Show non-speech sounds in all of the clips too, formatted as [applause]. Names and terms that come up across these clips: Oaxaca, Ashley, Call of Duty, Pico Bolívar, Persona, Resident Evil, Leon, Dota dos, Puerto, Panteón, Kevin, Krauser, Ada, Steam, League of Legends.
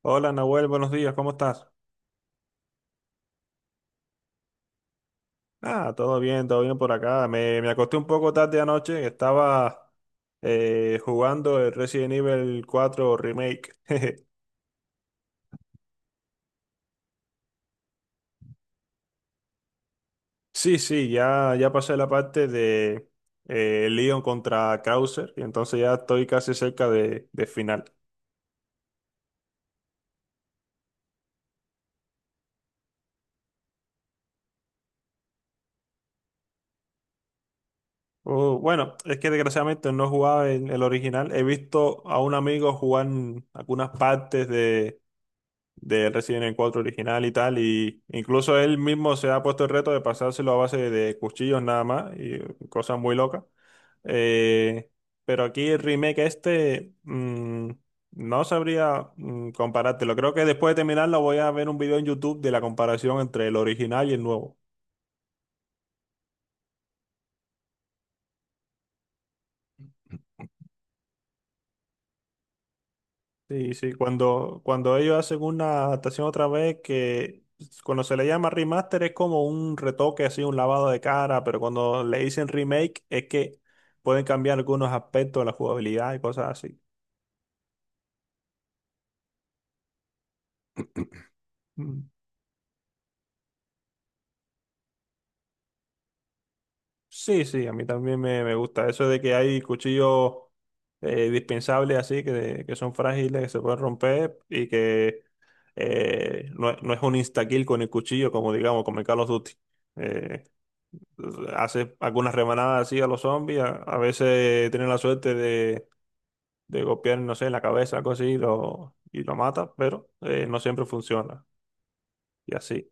Hola Nahuel, buenos días, ¿cómo estás? Ah, todo bien por acá. Me acosté un poco tarde anoche, estaba jugando el Resident Evil cuatro Remake. [laughs] Sí, sí, ya pasé la parte de Leon contra Krauser y entonces ya estoy casi cerca de final. Oh, bueno, es que desgraciadamente no jugaba en el original. He visto a un amigo jugar algunas partes de Resident Evil cuatro original y tal, y incluso él mismo se ha puesto el reto de pasárselo a base de cuchillos nada más, y cosas muy locas. Eh, pero aquí el remake este, no sabría comparártelo. Creo que después de terminarlo voy a ver un video en YouTube de la comparación entre el original y el nuevo. Sí, sí, cuando ellos hacen una adaptación otra vez que pues, cuando se le llama remaster es como un retoque, así un lavado de cara, pero cuando le dicen remake es que pueden cambiar algunos aspectos de la jugabilidad y cosas así. Mm. Sí, sí, a mí también me gusta eso de que hay cuchillos dispensables así, que son frágiles, que se pueden romper y que no, es no es un insta-kill con el cuchillo, como digamos, como en Call of Duty. Eh, Hace algunas remanadas así a los zombies. A veces tienen la suerte de golpear, no sé, en la cabeza, algo así, y lo mata, pero no siempre funciona. Y así.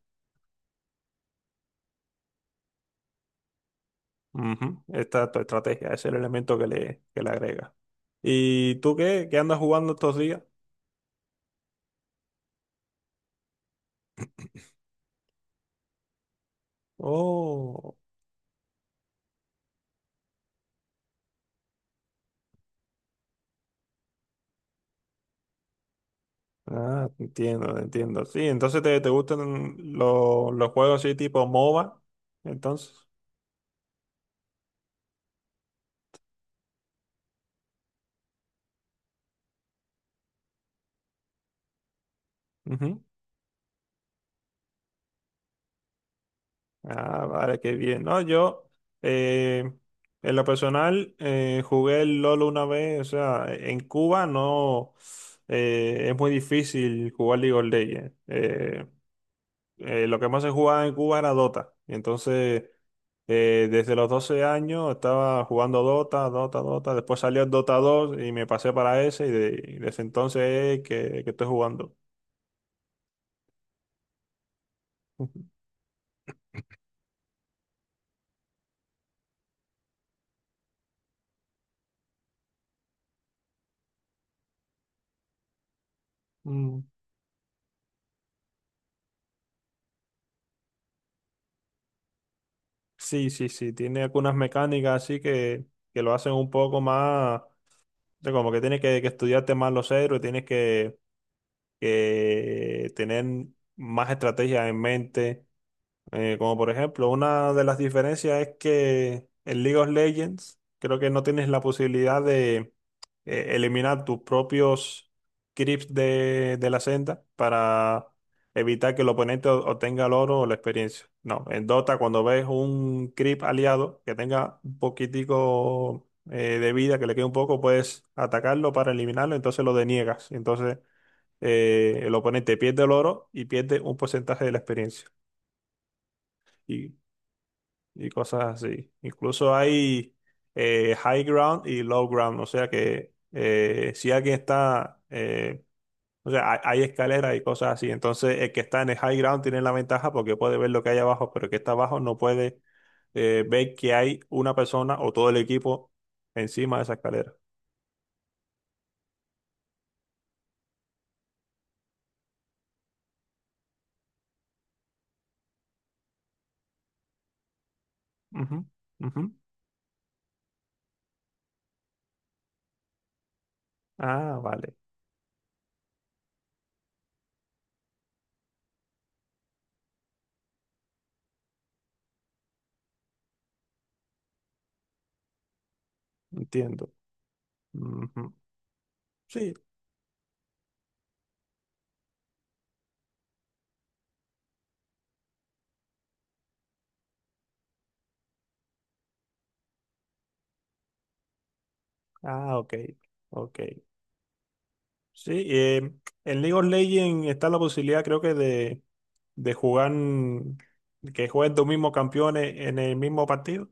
Ujú. Esta es tu estrategia, ese es el elemento que le agrega. ¿Y tú qué? ¿Qué andas jugando estos días? Oh, ah, entiendo, entiendo. Sí, entonces te gustan los juegos así tipo MOBA, entonces. Ujú. Ah, vale, qué bien. No, yo eh, en lo personal jugué el LOL una vez, o sea, en Cuba no es muy difícil jugar League of Legends. Lo que más se jugaba en Cuba era Dota. Y entonces, desde los 12 años estaba jugando Dota, Dota, Dota. Después salió el Dota dos y me pasé para ese y desde entonces es que estoy jugando. [laughs] Sí, sí, sí, tiene algunas mecánicas así que lo hacen un poco más, o sea, como que tienes que estudiarte más los héroes, tienes que tener más estrategias en mente, como por ejemplo, una de las diferencias es que en League of Legends creo que no tienes la posibilidad de eliminar tus propios creeps de la senda para evitar que el oponente obtenga el oro o la experiencia. No, en Dota cuando ves un creep aliado que tenga un poquitico de vida, que le quede un poco, puedes atacarlo para eliminarlo, entonces lo deniegas. Entonces el oponente pierde el oro y pierde un porcentaje de la experiencia. Y cosas así. Incluso hay high ground y low ground, o sea que si alguien está, o sea, hay escaleras y cosas así, entonces el que está en el high ground tiene la ventaja porque puede ver lo que hay abajo, pero el que está abajo no puede ver que hay una persona o todo el equipo encima de esa escalera. Ujú, ujú. Ah, vale, entiendo. Ujú. Sí, ah, ok, ok. Sí, en League of Legends está la posibilidad, creo que, de jugar, que jueguen dos mismos campeones en el mismo partido.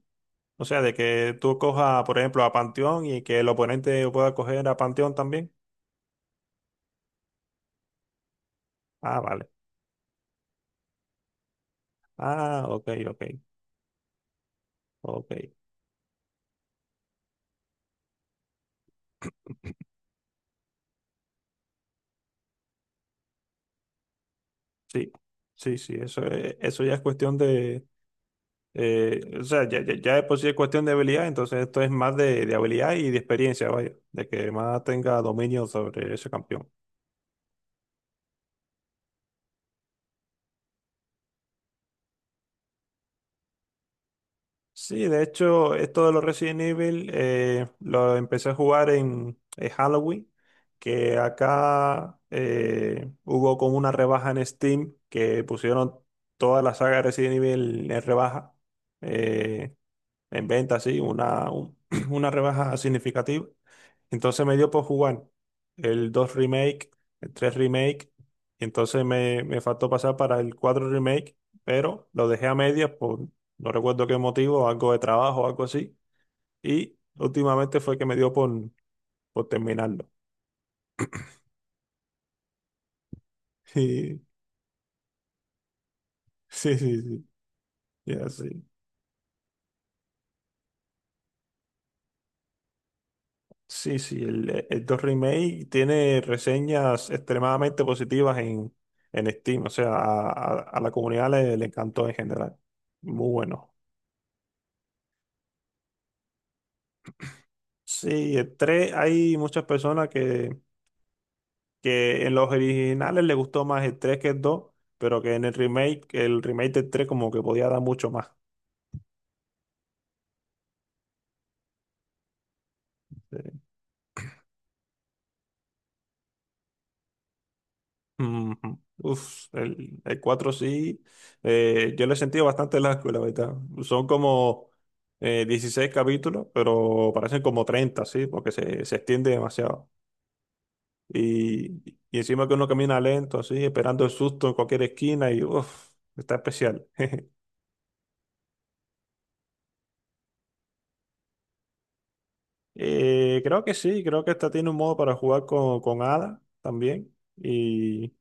O sea, de que tú cojas, por ejemplo, a Panteón y que el oponente pueda coger a Panteón también. Ah, vale. Ah, ok, ok, ok. Sí, sí, sí, eso, eso ya es cuestión de... o sea, ya, ya, ya de por sí es cuestión de habilidad, entonces esto es más de habilidad y de experiencia, vaya, de que más tenga dominio sobre ese campeón. Sí, de hecho, esto de los Resident Evil lo empecé a jugar en Halloween, que acá hubo como una rebaja en Steam que pusieron toda la saga de Resident Evil en rebaja, eh, en venta, sí, [clears throat] una rebaja significativa. Entonces me dio por jugar el 2 remake, el 3 remake, y entonces me faltó pasar para el 4 remake, pero lo dejé a medias por no recuerdo qué motivo, algo de trabajo, algo así, y últimamente fue que me dio por terminarlo. [laughs] Sí, sí, sí, sí, ya sí. Sí, sí, el 2 remake tiene reseñas extremadamente positivas en Steam, o sea, a la comunidad le encantó en general. Muy bueno. Sí, el 3 hay muchas personas que en los originales les gustó más el 3 que el 2, pero que en el remake del 3 como que podía dar mucho más. Sí. Ujú. Uf, el 4 sí, yo lo he sentido bastante largo, la verdad. Son como 16 capítulos, pero parecen como 30, sí, porque se extiende demasiado. Y, y encima que uno camina lento, así, esperando el susto en cualquier esquina y uff, está especial. Creo que sí, creo que esta tiene un modo para jugar con Ada también.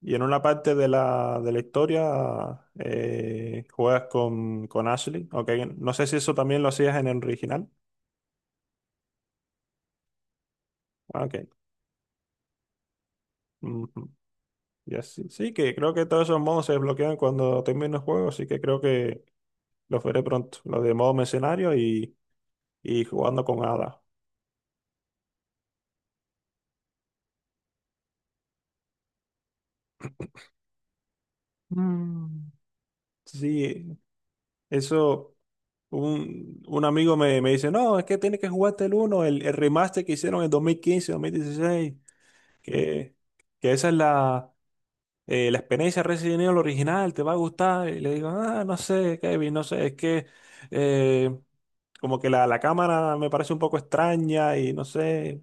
Y en una parte de la historia juegas con Ashley. Okay. No sé si eso también lo hacías en el original. Ah, ok. Ujú. Ya sí, sí, que creo que todos esos modos se desbloquean cuando termine el juego, así que creo que los veré pronto. Los de modo mercenario y jugando con Ada. Mm. Sí, eso, un amigo me dice, no, es que tienes que jugarte el uno el remaster que hicieron en 2015 2016 que, que esa es la, la experiencia Resident Evil original, te va a gustar. Y le digo, ah, no sé, Kevin, no sé, es que eh, como que la cámara me parece un poco extraña y no sé.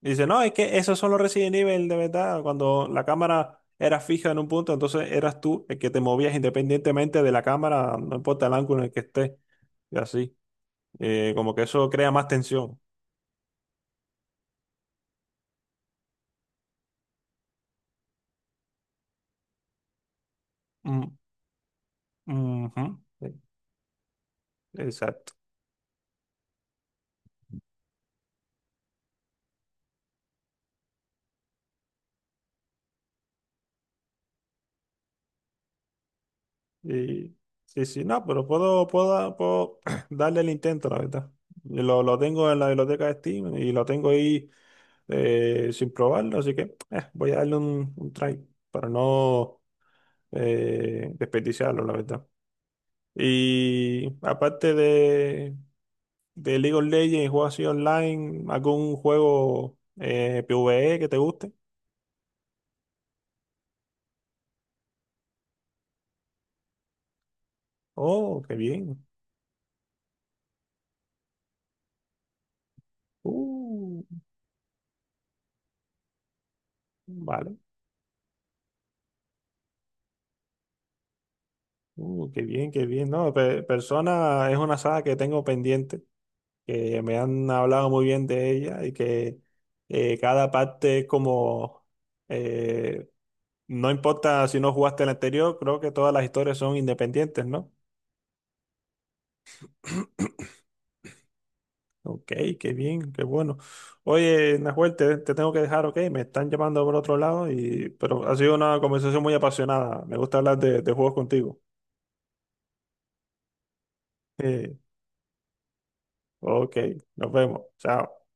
Y dice, no, es que esos son los Resident Evil de verdad, cuando la cámara era fija en un punto, entonces eras tú el que te movías independientemente de la cámara, no importa el ángulo en el que estés y así. Como que eso crea más tensión. Mm, ujú. Eh, Exacto. Y, sí, sí, no, pero puedo [clears throat] darle el intento, la verdad. Y lo tengo en la biblioteca de Steam y lo tengo ahí sin probarlo, así que voy a darle un try para no desperdiciarlo, la verdad. Y aparte de League of Legends y juegos así online, ¿algún juego PvE que te guste? Oh, qué bien. Uh, vale. Qué bien, qué bien. No, Persona es una saga que tengo pendiente, que me han hablado muy bien de ella y que cada parte es como, eh, no importa si no jugaste el anterior, creo que todas las historias son independientes, ¿no? [clears throat] Ok, qué bien, qué bueno. Oye, Nahuel, te tengo que dejar, ok, me están llamando por otro lado, y, pero ha sido una conversación muy apasionada. Me gusta hablar de juegos contigo. [laughs] Eh, ok, nos vemos. Chao.